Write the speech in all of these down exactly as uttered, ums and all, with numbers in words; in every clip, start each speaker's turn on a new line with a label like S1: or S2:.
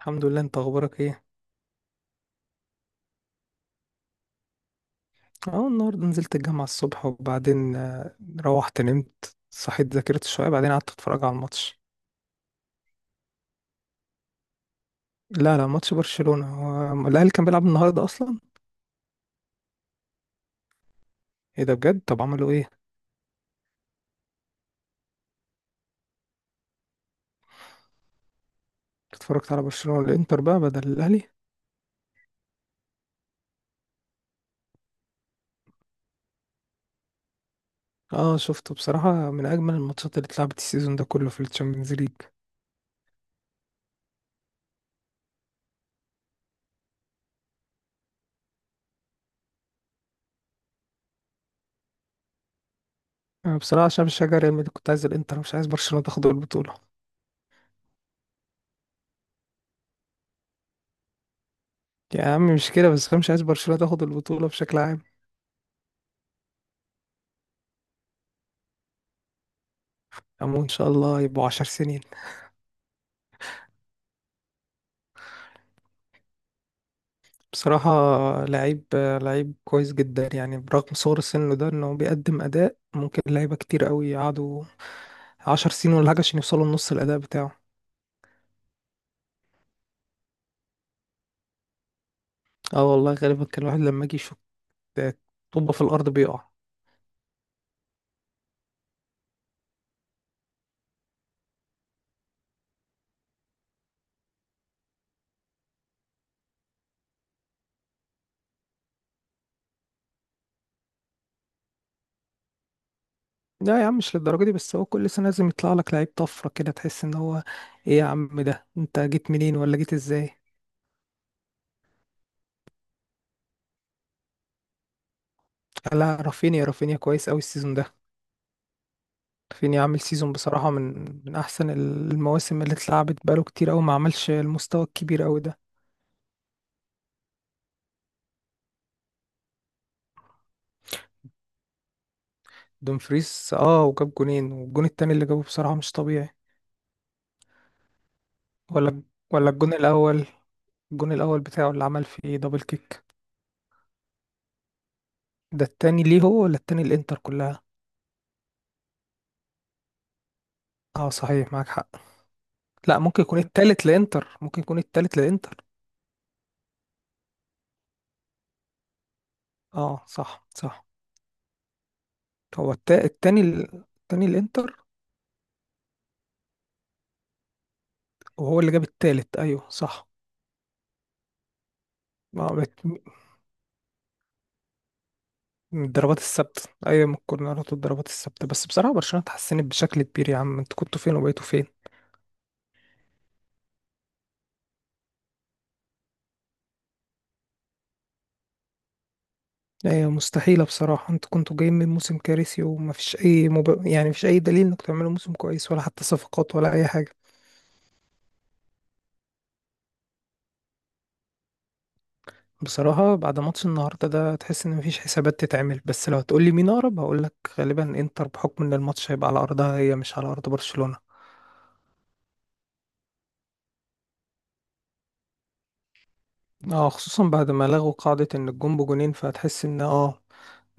S1: الحمد لله. انت اخبارك ايه؟ اه، النهارده نزلت الجامعه الصبح، وبعدين آه، روحت نمت، صحيت، ذاكرت شويه، بعدين قعدت اتفرج على الماتش. لا لا، ماتش برشلونه. هو الاهلي كان بيلعب النهارده اصلا؟ ايه ده بجد؟ طب عملوا ايه؟ اتفرجت على برشلونه والانتر بقى بدل الاهلي. اه شفته، بصراحه من اجمل الماتشات اللي اتلعبت السيزون ده كله في الشامبيونز ليج. آه، بصراحه عشان بشجع ريال مدريد كنت عايز الانتر، مش عايز برشلونه تاخد البطوله. يا عم مش كده بس، انا مش عايز برشلونه تاخد البطوله بشكل عام. امون ان شاء الله يبقوا عشر سنين. بصراحة لعيب، لعيب كويس جدا يعني، برغم صغر سنه ده انه بيقدم اداء ممكن لعيبة كتير قوي يقعدوا عشر سنين ولا حاجة عشان يوصلوا لنص الاداء بتاعه. اه والله، غالبا كان الواحد لما يجي يشوط طوبة في الارض بيقع. لا يا عم مش للدرجة دي، بس هو كل سنة لازم يطلع لك لعيب طفرة كده تحس ان هو، ايه يا عم ده انت جيت منين ولا جيت ازاي؟ لا، رافينيا. رافينيا كويس قوي السيزون ده. رافينيا عامل سيزون بصراحة من، من احسن المواسم اللي اتلعبت، بقاله كتير قوي ما عملش المستوى الكبير قوي ده. دومفريس اه، وجاب جونين، والجون التاني اللي جابه بصراحة مش طبيعي. ولا، ولا الجون الأول. الجون الأول بتاعه اللي عمل فيه دبل كيك. ده التاني ليه هو ولا التاني الإنتر كلها؟ اه صحيح معاك حق. لا ممكن يكون التالت لإنتر، ممكن يكون التالت لإنتر اه صح صح. هو التا... التاني ال- التاني الإنتر. وهو اللي جاب التالت، أيوه صح. ما بت... من الضربات الثابتة، أيوه، من الكورنرات والضربات الثابتة. بس بصراحة برشلونة اتحسنت بشكل كبير، يا عم انتوا كنتوا فين وبقيتوا فين؟ لا هي مستحيلة بصراحة، انتوا كنتوا جايين من موسم كارثي، ومفيش أي مب... يعني مفيش أي دليل انكم تعملوا موسم كويس، ولا حتى صفقات، ولا أي حاجة. بصراحة بعد ماتش النهاردة ده تحس إن مفيش حسابات تتعمل، بس لو هتقولي مين أقرب هقولك غالبا إنتر، بحكم إن الماتش هيبقى على أرضها هي مش على أرض برشلونة. اه، خصوصا بعد ما لغوا قاعدة إن الجون بجونين، فهتحس إن اه،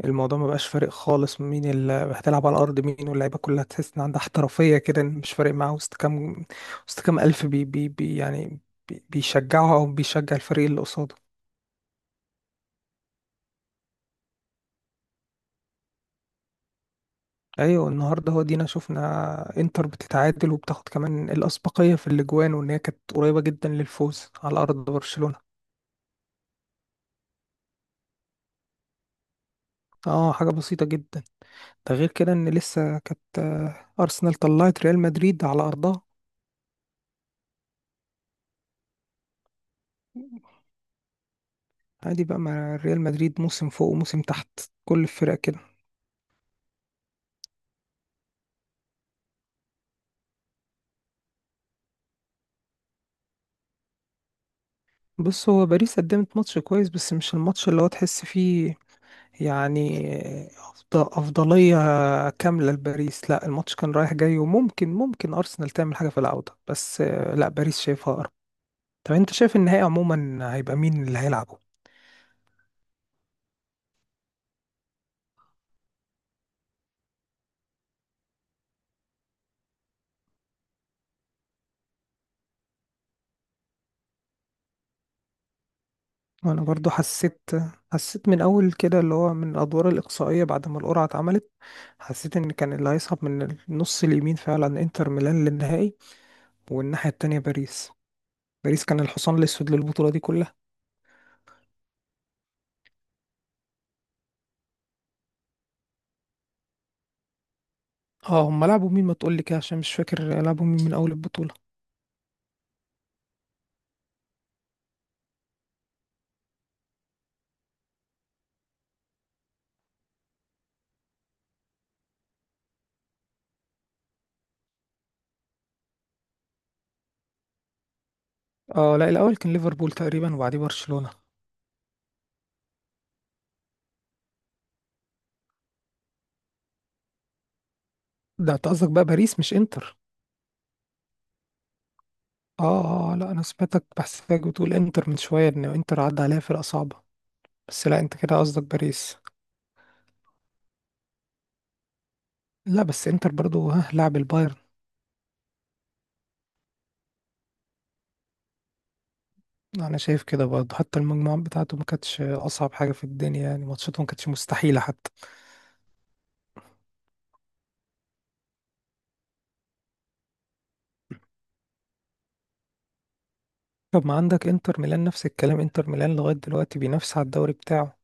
S1: الموضوع ما بقاش فارق خالص مين اللي هتلعب على الارض مين، واللعيبه كلها تحس ان عندها احترافيه كده إن مش فارق معاها وسط كام، وسط كام الف بي بي بي يعني، بي بيشجعها او بيشجع الفريق اللي قصاده. ايوه النهارده هو دينا شفنا انتر بتتعادل وبتاخد كمان الاسبقيه في الاجوان، وان هي كانت قريبه جدا للفوز على ارض برشلونه. اه حاجه بسيطه جدا، ده غير كده ان لسه كانت آه، ارسنال طلعت ريال مدريد على ارضها. عادي بقى مع ريال مدريد، موسم فوق وموسم تحت، كل الفرق كده. بص، هو باريس قدمت ماتش كويس، بس مش الماتش اللي هو تحس فيه يعني أفض- أفضلية كاملة لباريس. لا الماتش كان رايح جاي، وممكن ممكن أرسنال تعمل حاجة في العودة، بس آه، لا باريس شايفها أقرب. طب أنت شايف النهائي عموما هيبقى مين اللي هيلعبه؟ وأنا برضو حسيت، حسيت من أول كده اللي هو من الأدوار الإقصائية بعد ما القرعة اتعملت، حسيت إن كان اللي هيصعد من النص اليمين فعلا إنتر ميلان للنهائي، والناحية التانية باريس. باريس كان الحصان الأسود للبطولة دي كلها. اه هم لعبوا مين؟ ما تقول لي كده عشان مش فاكر لعبوا مين من اول البطولة. اه لا، الاول كان ليفربول تقريبا، وبعديه برشلونة. ده انت قصدك بقى باريس مش انتر؟ اه اه اه، لا انا سمعتك بحسك بتقول انتر من شوية ان انتر عدى عليها فرقة صعبة. بس لا انت كده قصدك باريس. لا بس انتر برضو ها لعب البايرن. انا شايف كده برضه، حتى المجموعات بتاعته ما كانتش اصعب حاجة في الدنيا، يعني ماتشاته ما كانتش مستحيلة حتى. طب ما عندك انتر ميلان نفس الكلام، انتر ميلان لغاية دلوقتي بينافس على الدوري بتاعه.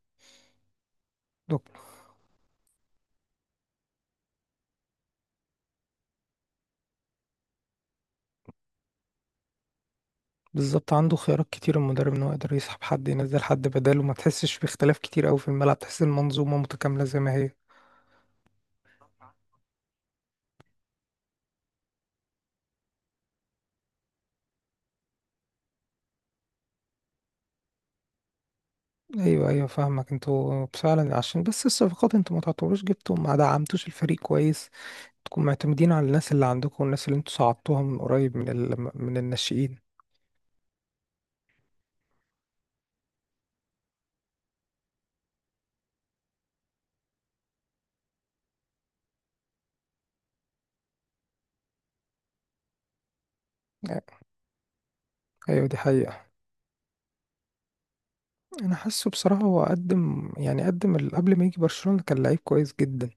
S1: بالظبط عنده خيارات كتير المدرب ان هو يقدر يسحب حد ينزل حد بداله، ما تحسش باختلاف كتير قوي في الملعب، تحس المنظومه متكامله زي ما هي. ايوه ايوه فاهمك. انتوا فعلا عشان بس الصفقات انتوا ما تعتبروش جبتوا، ما دعمتوش الفريق كويس، تكونوا معتمدين على الناس اللي عندكم والناس اللي انتوا صعدتوها من قريب من ال... من الناشئين. ايوه دي حقيقه. انا حاسه بصراحه هو قدم، يعني قدم ال- قبل ما يجي برشلونه كان لعيب كويس جدا،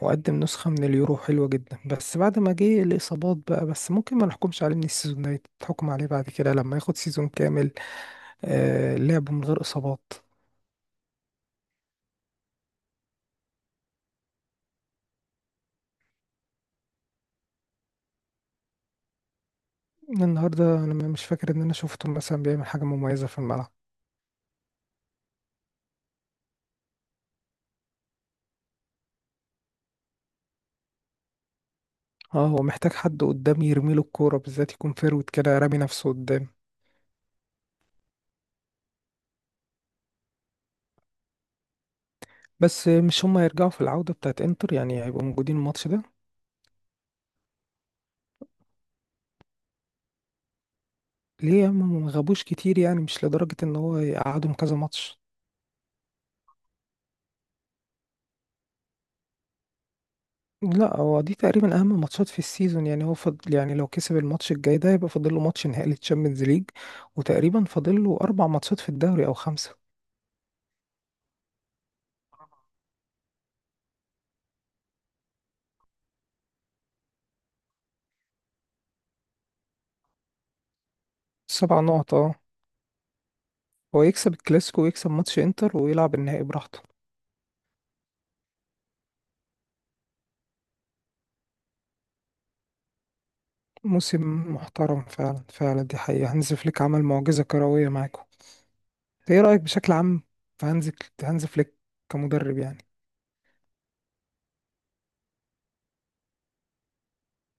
S1: وقدم نسخه من اليورو حلوه جدا. بس بعد ما جه الاصابات بقى، بس ممكن ما نحكمش عليه من السيزون ده، تحكم عليه بعد كده لما ياخد سيزون كامل آه لعب من غير اصابات. النهارده انا م- مش فاكر ان انا شفته مثلا بيعمل حاجه مميزه في الملعب. اه هو محتاج حد قدام يرمي له الكوره، بالذات يكون فيرود كده رامي نفسه قدام. بس مش هما هيرجعوا في العوده بتاعت انتر يعني؟ هيبقوا موجودين الماتش ده. ليه يا عم ما غابوش كتير، يعني مش لدرجة ان هو يقعدهم كذا ماتش. لا هو دي تقريبا اهم ماتشات في السيزون يعني، هو فضل يعني لو كسب الماتش الجاي ده يبقى فاضل له ماتش نهائي للتشامبيونز ليج، وتقريبا فاضل له اربع ماتشات في الدوري او خمسة. سبع نقط اه. هو يكسب الكلاسيكو ويكسب ماتش انتر ويلعب النهائي براحته. موسم محترم فعلا فعلا، دي حقيقة. هانز فليك عمل معجزة كروية معاكم. ايه رأيك بشكل عام في هانز، هانز فليك كمدرب يعني؟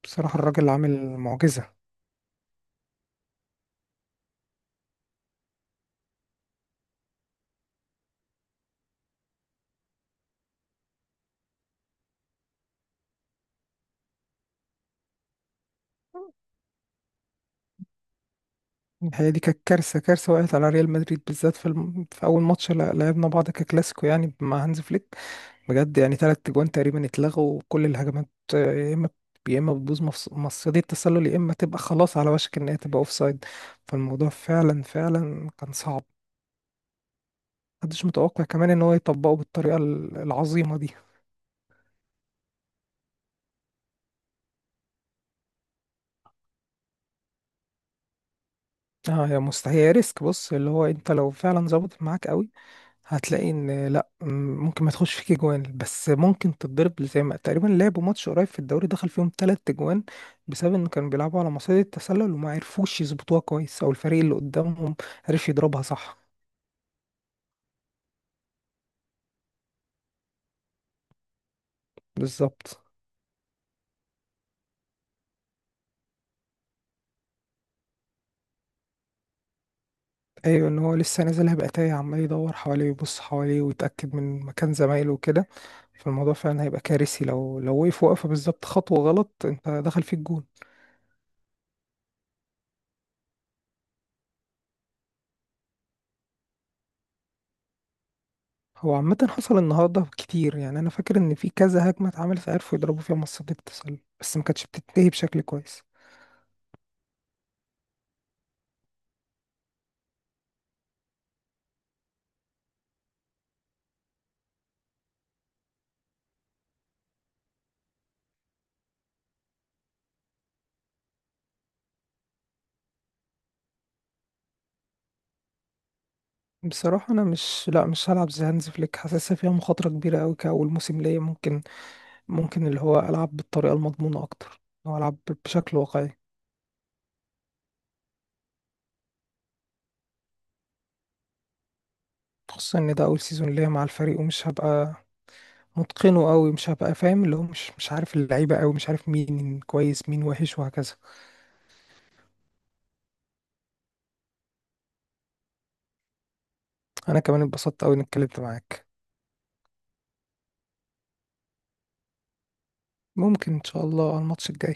S1: بصراحة الراجل عامل معجزة. هي دي كانت كارثه، كارثه وقعت على ريال مدريد بالذات في الم... في اول ماتش لا- لعبنا بعض ككلاسيكو يعني مع هانز فليك. بجد يعني ثلاث جوان تقريبا اتلغوا، وكل الهجمات آه، يا اما، يا اما بتبوظ مفص- مصيدة التسلل، يا اما تبقى خلاص على وشك ان هي تبقى اوفسايد. فالموضوع فعلا فعلا كان صعب. محدش متوقع كمان ان هو يطبقه بالطريقه ال- العظيمه دي. اه يا مستحيل، هي ريسك. بص اللي هو انت لو فعلا ظبطت معاك قوي، هتلاقي ان لا م- ممكن ما تخش فيك جوان، بس ممكن تتضرب زي ما تقريبا لعبوا ماتش قريب في الدوري دخل فيهم تلات جوان بسبب ان كانوا بيلعبوا على مصيدة التسلل وما عرفوش يظبطوها كويس، او الفريق اللي قدامهم عرف يضربها صح. بالظبط. ايوه ان هو لسه نازلها بقى تايه، عمال يدور حواليه ويبص حواليه ويتاكد من مكان زمايله وكده، فالموضوع فعلا هيبقى كارثي لو لو وقف وقفه بالظبط خطوه غلط انت دخل فيك جون. هو عامة حصل النهاردة كتير، يعني أنا فاكر إن في كذا هجمة اتعملت عرفوا يضربوا فيها منصات التسلل، بس ما كانتش بتنتهي بشكل كويس. بصراحة أنا مش لأ مش هلعب زي هانز فليك، حاسسها فيها مخاطرة كبيرة أوي كأول موسم ليا. ممكن، ممكن اللي هو ألعب بالطريقة المضمونة أكتر، أو ألعب بشكل واقعي. خصوصا إن ده أول سيزون ليا مع الفريق، ومش هبقى متقنه أوي، مش هبقى فاهم اللي هو مش مش عارف اللعيبة أوي، مش عارف مين كويس مين وحش وهكذا. أنا كمان اتبسطت أوي إني اتكلمت معاك. ممكن إن شاء الله على الماتش الجاي.